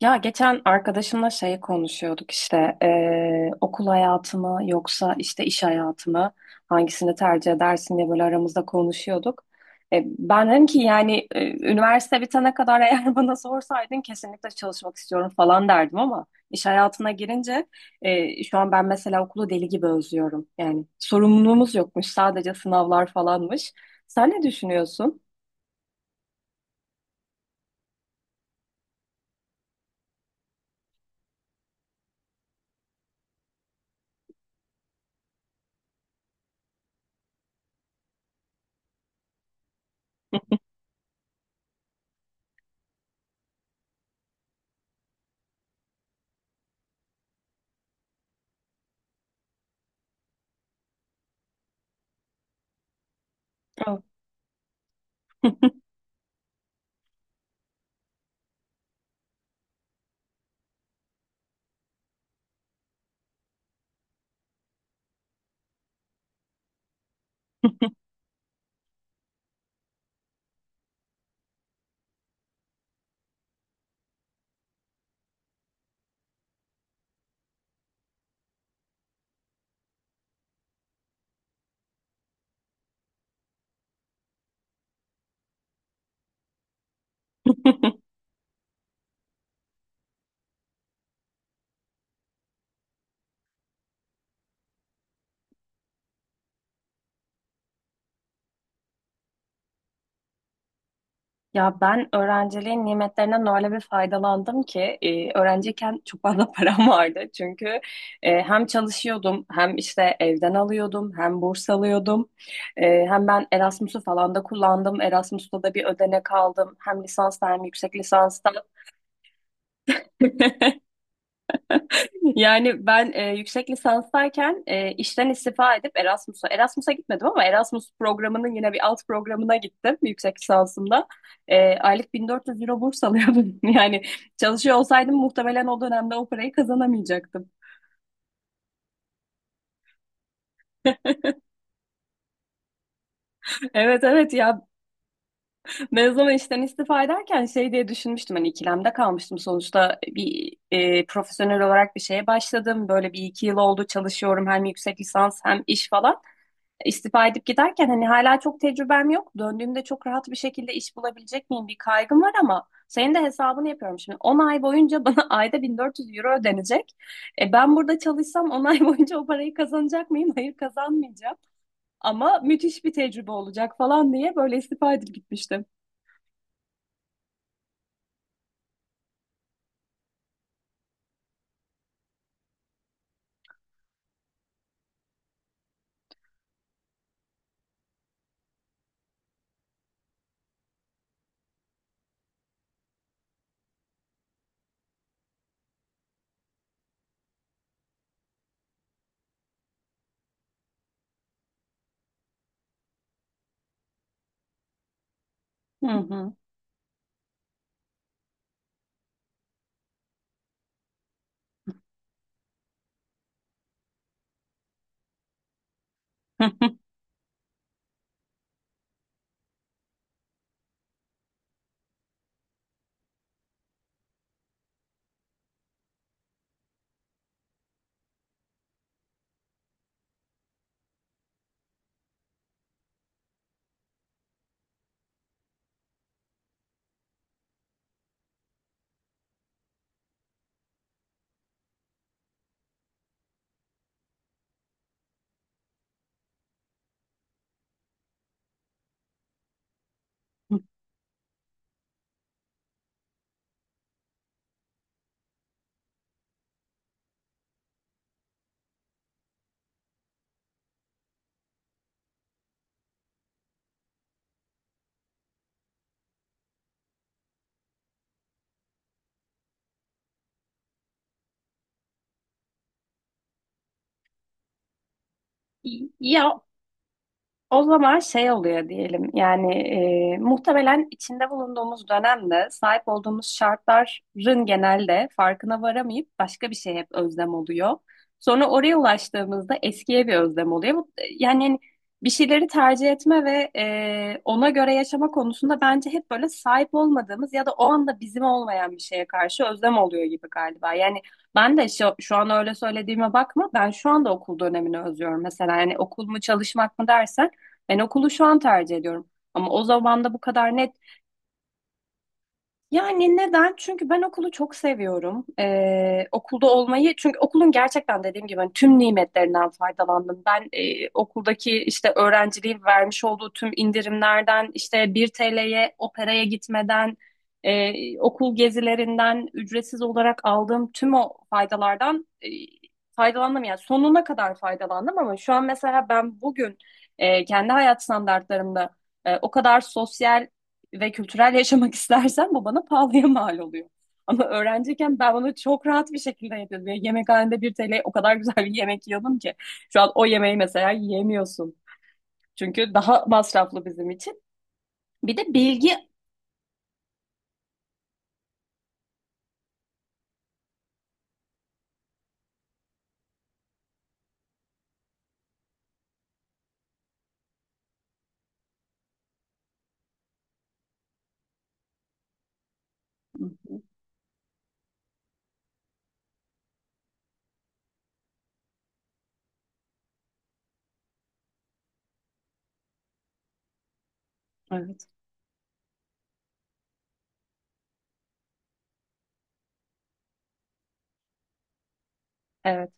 Ya geçen arkadaşımla şey konuşuyorduk işte okul hayatımı yoksa işte iş hayatımı hangisini tercih edersin diye böyle aramızda konuşuyorduk. Ben dedim ki yani üniversite bitene kadar eğer bana sorsaydın kesinlikle çalışmak istiyorum falan derdim ama iş hayatına girince şu an ben mesela okulu deli gibi özlüyorum. Yani sorumluluğumuz yokmuş sadece sınavlar falanmış. Sen ne düşünüyorsun? Evet. Ya ben öğrenciliğin nimetlerinden öyle bir faydalandım ki öğrenciyken çok fazla param vardı. Çünkü hem çalışıyordum hem işte evden alıyordum hem burs alıyordum. Hem ben Erasmus'u falan da kullandım. Erasmus'ta da bir ödenek aldım. Hem lisansta hem yüksek lisansta. Yani ben yüksek lisanstayken işten istifa edip Erasmus'a gitmedim ama Erasmus programının yine bir alt programına gittim yüksek lisansımda. Aylık 1.400 euro burs alıyordum. Yani çalışıyor olsaydım muhtemelen o dönemde o parayı kazanamayacaktım. Evet, evet ya mezun işten istifa ederken şey diye düşünmüştüm hani ikilemde kalmıştım sonuçta bir profesyonel olarak bir şeye başladım. Böyle bir iki yıl oldu çalışıyorum hem yüksek lisans hem iş falan. İstifa edip giderken hani hala çok tecrübem yok. Döndüğümde çok rahat bir şekilde iş bulabilecek miyim bir kaygım var ama senin de hesabını yapıyorum şimdi. 10 ay boyunca bana ayda 1.400 euro ödenecek. E ben burada çalışsam 10 ay boyunca o parayı kazanacak mıyım? Hayır kazanmayacağım. Ama müthiş bir tecrübe olacak falan diye böyle istifa edip gitmiştim. Hı hı. Ya, o zaman şey oluyor diyelim yani muhtemelen içinde bulunduğumuz dönemde sahip olduğumuz şartların genelde farkına varamayıp başka bir şey hep özlem oluyor. Sonra oraya ulaştığımızda eskiye bir özlem oluyor. Yani hani bir şeyleri tercih etme ve ona göre yaşama konusunda bence hep böyle sahip olmadığımız ya da o anda bizim olmayan bir şeye karşı özlem oluyor gibi galiba. Yani ben de şu an öyle söylediğime bakma, ben şu anda okul dönemini özlüyorum mesela. Yani okul mu çalışmak mı dersen ben okulu şu an tercih ediyorum. Ama o zaman da bu kadar net yani neden? Çünkü ben okulu çok seviyorum. Okulda olmayı, çünkü okulun gerçekten dediğim gibi hani tüm nimetlerinden faydalandım. Ben okuldaki işte öğrenciliğin vermiş olduğu tüm indirimlerden, işte 1 TL'ye operaya gitmeden, okul gezilerinden ücretsiz olarak aldığım tüm o faydalardan faydalandım. Yani sonuna kadar faydalandım ama şu an mesela ben bugün kendi hayat standartlarımda o kadar sosyal ve kültürel yaşamak istersen bu bana pahalıya mal oluyor. Ama öğrenciyken ben bunu çok rahat bir şekilde yedim. Ve yemekhanede 1 TL o kadar güzel bir yemek yiyordum ki. Şu an o yemeği mesela yiyemiyorsun. Çünkü daha masraflı bizim için. Bir de bilgi... Evet, evet.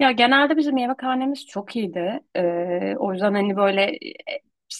Ya genelde bizim yemekhanemiz çok iyiydi. O yüzden hani böyle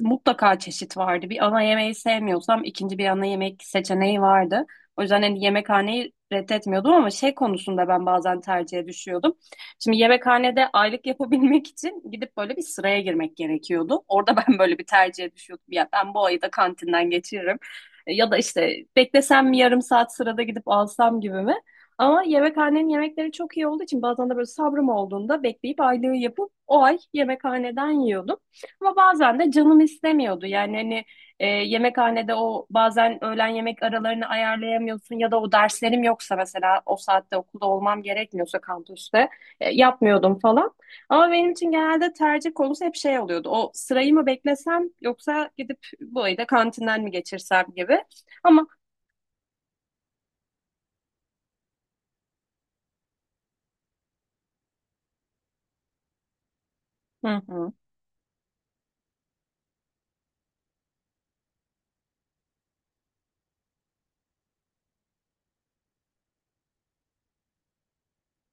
mutlaka çeşit vardı. Bir ana yemeği sevmiyorsam ikinci bir ana yemek seçeneği vardı. O yüzden hani yemekhaneyi reddetmiyordum ama şey konusunda ben bazen tercihe düşüyordum. Şimdi yemekhanede aylık yapabilmek için gidip böyle bir sıraya girmek gerekiyordu. Orada ben böyle bir tercihe düşüyordum. Ya ben bu ayı da kantinden geçiririm. Ya da işte beklesem mi yarım saat sırada gidip alsam gibi mi? Ama yemekhanenin yemekleri çok iyi olduğu için bazen de böyle sabrım olduğunda bekleyip aylığı yapıp o ay yemekhaneden yiyordum. Ama bazen de canım istemiyordu. Yani hani yemekhanede o bazen öğlen yemek aralarını ayarlayamıyorsun, ya da o derslerim yoksa mesela o saatte okulda olmam gerekmiyorsa kampüste yapmıyordum falan. Ama benim için genelde tercih konusu hep şey oluyordu. O sırayı mı beklesem yoksa gidip bu ayı da kantinden mi geçirsem gibi. Ama hı hı.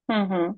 Hı hı.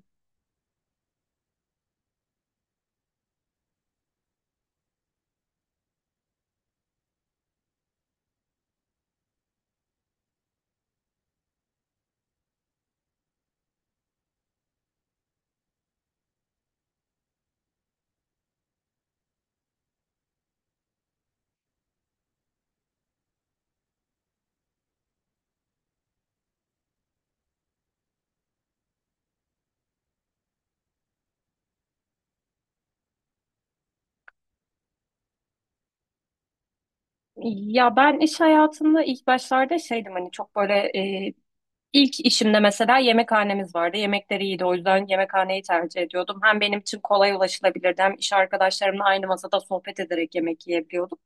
Ya ben iş hayatında ilk başlarda şeydim hani çok böyle e, ilk işimde mesela yemekhanemiz vardı. Yemekleri iyiydi, o yüzden yemekhaneyi tercih ediyordum. Hem benim için kolay ulaşılabilirdi hem iş arkadaşlarımla aynı masada sohbet ederek yemek yiyebiliyorduk.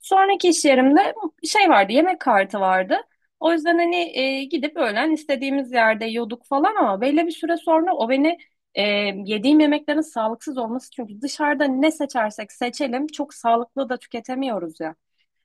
Sonraki iş yerimde şey vardı, yemek kartı vardı. O yüzden hani gidip öğlen istediğimiz yerde yiyorduk falan, ama belli bir süre sonra o beni e, yediğim yemeklerin sağlıksız olması, çünkü dışarıda ne seçersek seçelim çok sağlıklı da tüketemiyoruz ya.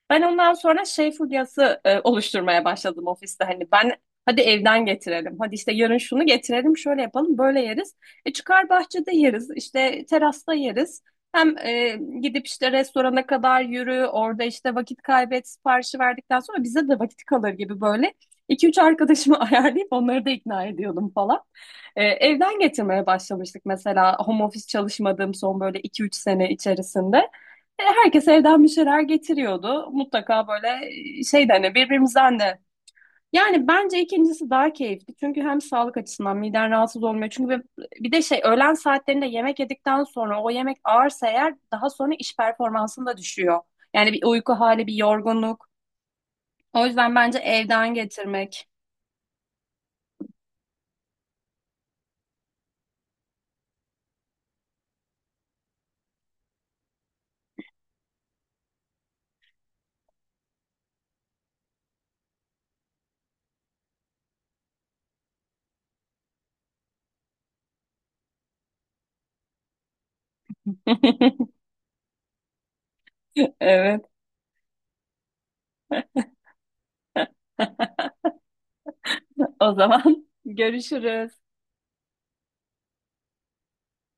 Ben ondan sonra şey furyası oluşturmaya başladım ofiste. Hani ben hadi evden getirelim. Hadi işte yarın şunu getirelim, şöyle yapalım, böyle yeriz. E çıkar bahçede yeriz, işte terasta yeriz. Hem gidip işte restorana kadar yürü, orada işte vakit kaybet, siparişi verdikten sonra bize de vakit kalır gibi böyle. İki üç arkadaşımı ayarlayıp onları da ikna ediyordum falan. E, evden getirmeye başlamıştık mesela home office çalışmadığım son böyle iki üç sene içerisinde. E, herkes evden bir şeyler getiriyordu. Mutlaka böyle şeyden hani birbirimizden de. Yani bence ikincisi daha keyifli. Çünkü hem sağlık açısından miden rahatsız olmuyor. Çünkü bir de şey, öğlen saatlerinde yemek yedikten sonra o yemek ağırsa eğer daha sonra iş performansın da düşüyor. Yani bir uyku hali, bir yorgunluk. O yüzden bence evden getirmek. Evet, o zaman görüşürüz.